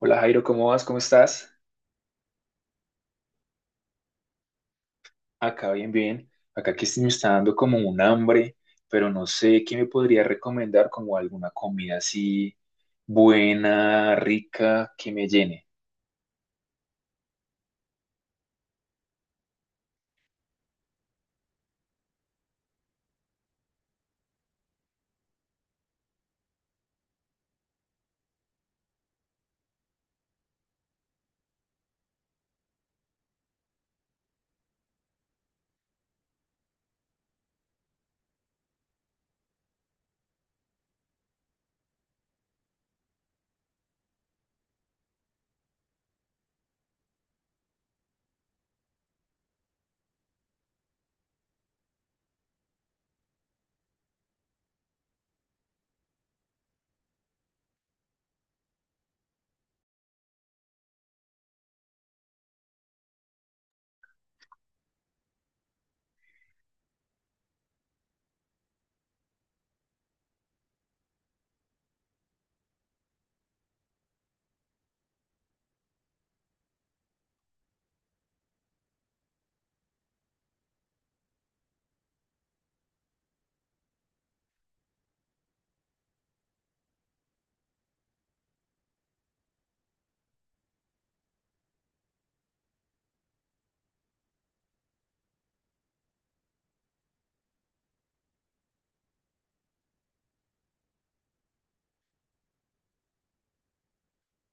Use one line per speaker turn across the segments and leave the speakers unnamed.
Hola Jairo, ¿cómo vas? ¿Cómo estás? Acá bien, bien. Acá que sí me está dando como un hambre, pero no sé qué me podría recomendar como alguna comida así buena, rica, que me llene.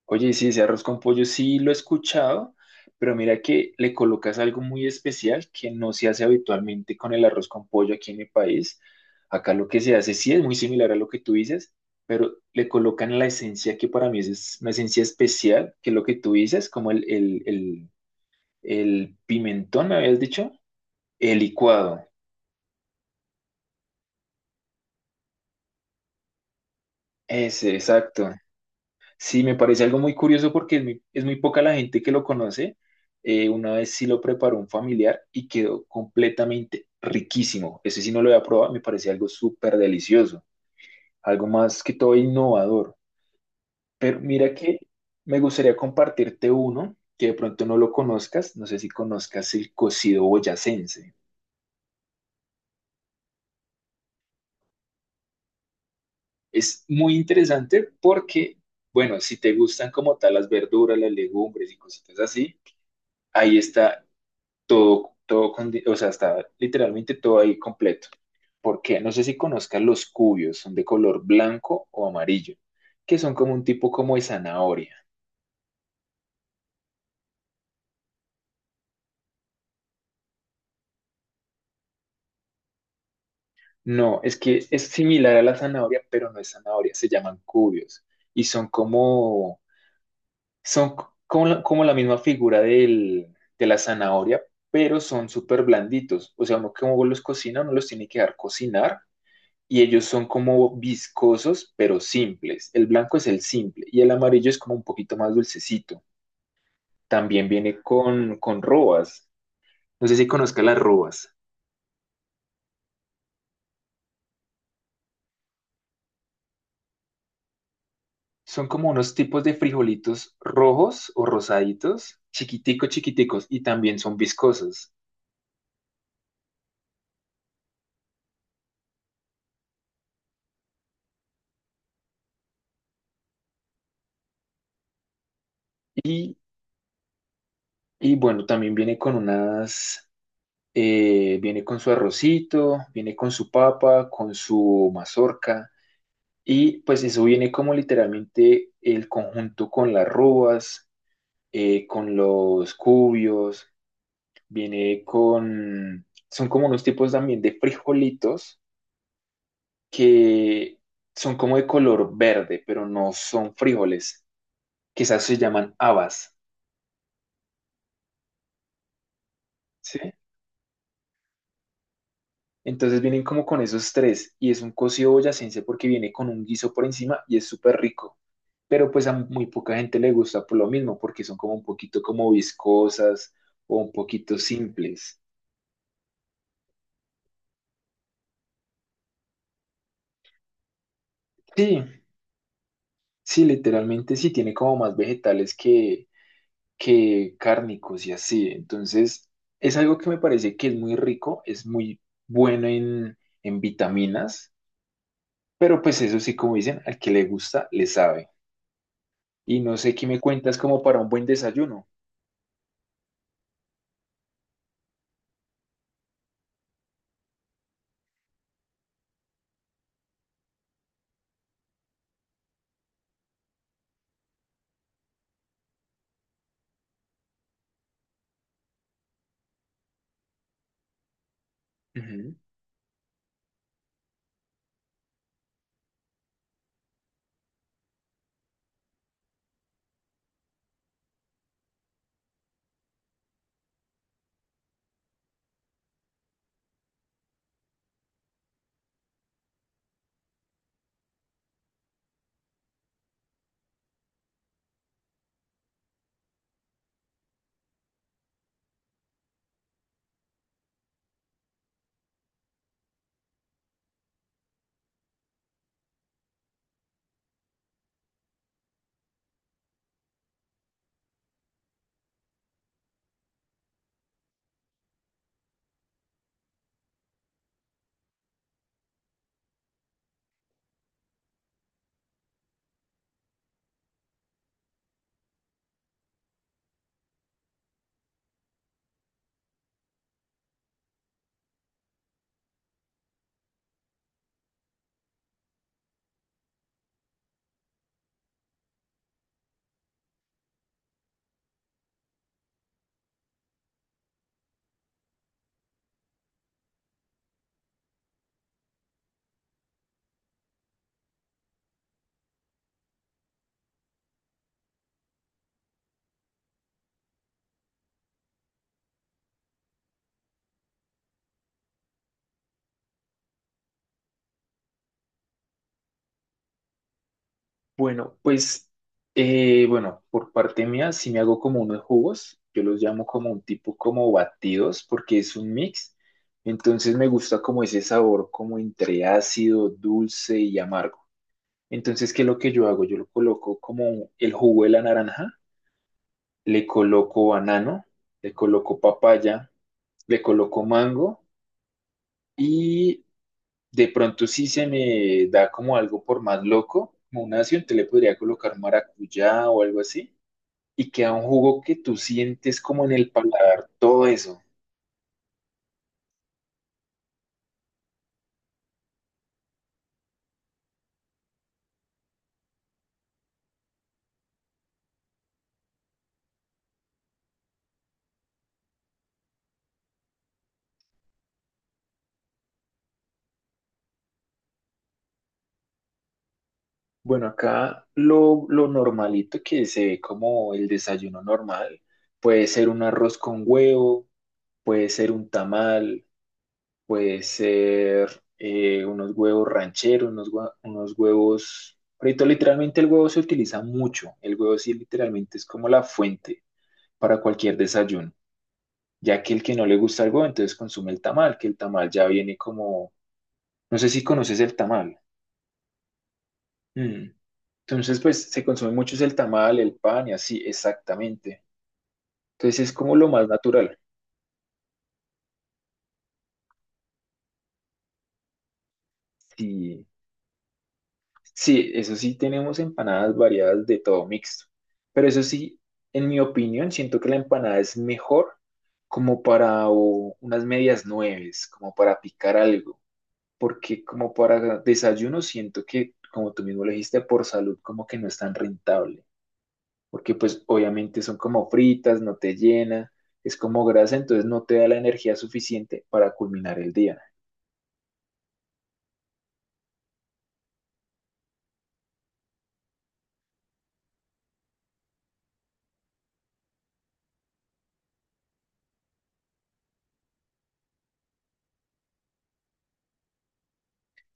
Oye, sí, ese arroz con pollo sí lo he escuchado, pero mira que le colocas algo muy especial que no se hace habitualmente con el arroz con pollo aquí en mi país. Acá lo que se hace sí es muy similar a lo que tú dices, pero le colocan la esencia que para mí es una esencia especial, que es lo que tú dices, como el pimentón, me habías dicho, el licuado. Ese, exacto. Sí, me parece algo muy curioso porque es muy poca la gente que lo conoce. Una vez sí lo preparó un familiar y quedó completamente riquísimo. Ese sí no lo había probado, me parecía algo súper delicioso, algo más que todo innovador. Pero mira que me gustaría compartirte uno que de pronto no lo conozcas, no sé si conozcas el cocido boyacense. Es muy interesante porque, bueno, si te gustan como tal las verduras, las legumbres y cositas así, ahí está todo, todo, o sea, está literalmente todo ahí completo. Porque no sé si conozcas los cubios, son de color blanco o amarillo, que son como un tipo como de zanahoria. No, es que es similar a la zanahoria, pero no es zanahoria, se llaman cubios. Y son como la misma figura del, de la zanahoria, pero son súper blanditos. O sea, uno como los cocina, uno los tiene que dar cocinar y ellos son como viscosos, pero simples. El blanco es el simple y el amarillo es como un poquito más dulcecito. También viene con robas. No sé si conozca las robas. Son como unos tipos de frijolitos rojos o rosaditos, chiquiticos, chiquiticos, y también son viscosos. Y, y bueno, también viene con su arrocito, viene con su papa, con su mazorca. Y pues eso viene como literalmente el conjunto con las rúas, con los cubios, viene con... Son como unos tipos también de frijolitos que son como de color verde, pero no son frijoles. Quizás se llaman habas, ¿sí? Entonces vienen como con esos tres y es un cocido boyacense porque viene con un guiso por encima y es súper rico. Pero pues a muy poca gente le gusta por lo mismo porque son como un poquito como viscosas o un poquito simples. Sí, sí, literalmente sí tiene como más vegetales que cárnicos y así. Entonces es algo que me parece que es muy rico, es muy bueno en vitaminas, pero pues eso sí, como dicen, al que le gusta, le sabe. Y no sé qué me cuentas como para un buen desayuno. Ujú. Bueno, pues, bueno, por parte mía, si me hago como unos jugos, yo los llamo como un tipo como batidos, porque es un mix. Entonces me gusta como ese sabor, como entre ácido, dulce y amargo. Entonces, ¿qué es lo que yo hago? Yo lo coloco como el jugo de la naranja, le coloco banano, le coloco papaya, le coloco mango y de pronto sí se me da como algo por más loco, como un ácido, te le podría colocar maracuyá o algo así, y queda un jugo que tú sientes como en el paladar todo eso. Bueno, acá lo normalito que se ve como el desayuno normal, puede ser un arroz con huevo, puede ser un tamal, puede ser unos, huevos rancheros, unos huevos... Ahorita literalmente el huevo se utiliza mucho, el huevo sí literalmente es como la fuente para cualquier desayuno, ya que el que no le gusta algo, entonces consume el tamal, que el tamal ya viene como, no sé si conoces el tamal. Mm. Entonces, pues se consume mucho es el tamal, el pan y así, exactamente. Entonces es como lo más natural. Sí, sí, eso sí tenemos empanadas variadas de todo mixto, pero eso sí, en mi opinión, siento que la empanada es mejor como para o, unas medias nueves, como para picar algo porque como para desayuno siento que, como tú mismo lo dijiste, por salud como que no es tan rentable, porque pues obviamente son como fritas, no te llena, es como grasa, entonces no te da la energía suficiente para culminar el día.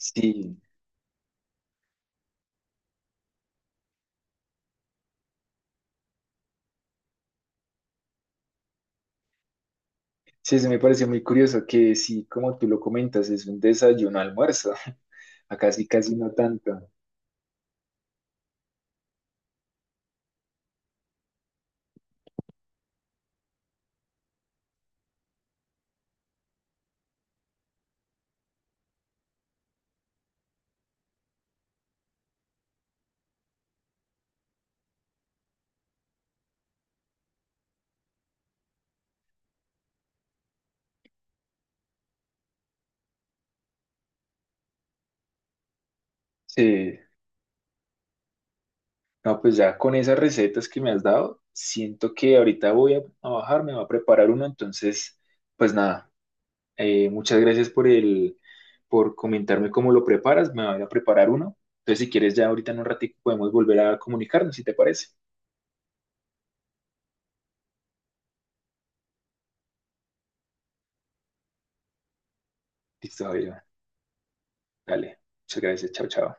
Sí, sí, eso me parece muy curioso que sí, como tú lo comentas, es un desayuno almuerzo, acá sí casi no tanto. Sí, no, pues ya con esas recetas que me has dado, siento que ahorita voy a bajar, me voy a preparar uno, entonces, pues nada. Muchas gracias por comentarme cómo lo preparas. Me voy a preparar uno. Entonces, si quieres, ya ahorita en un ratito podemos volver a comunicarnos, si te parece. Listo, Javier. Dale. Muchas gracias. Chao, chao.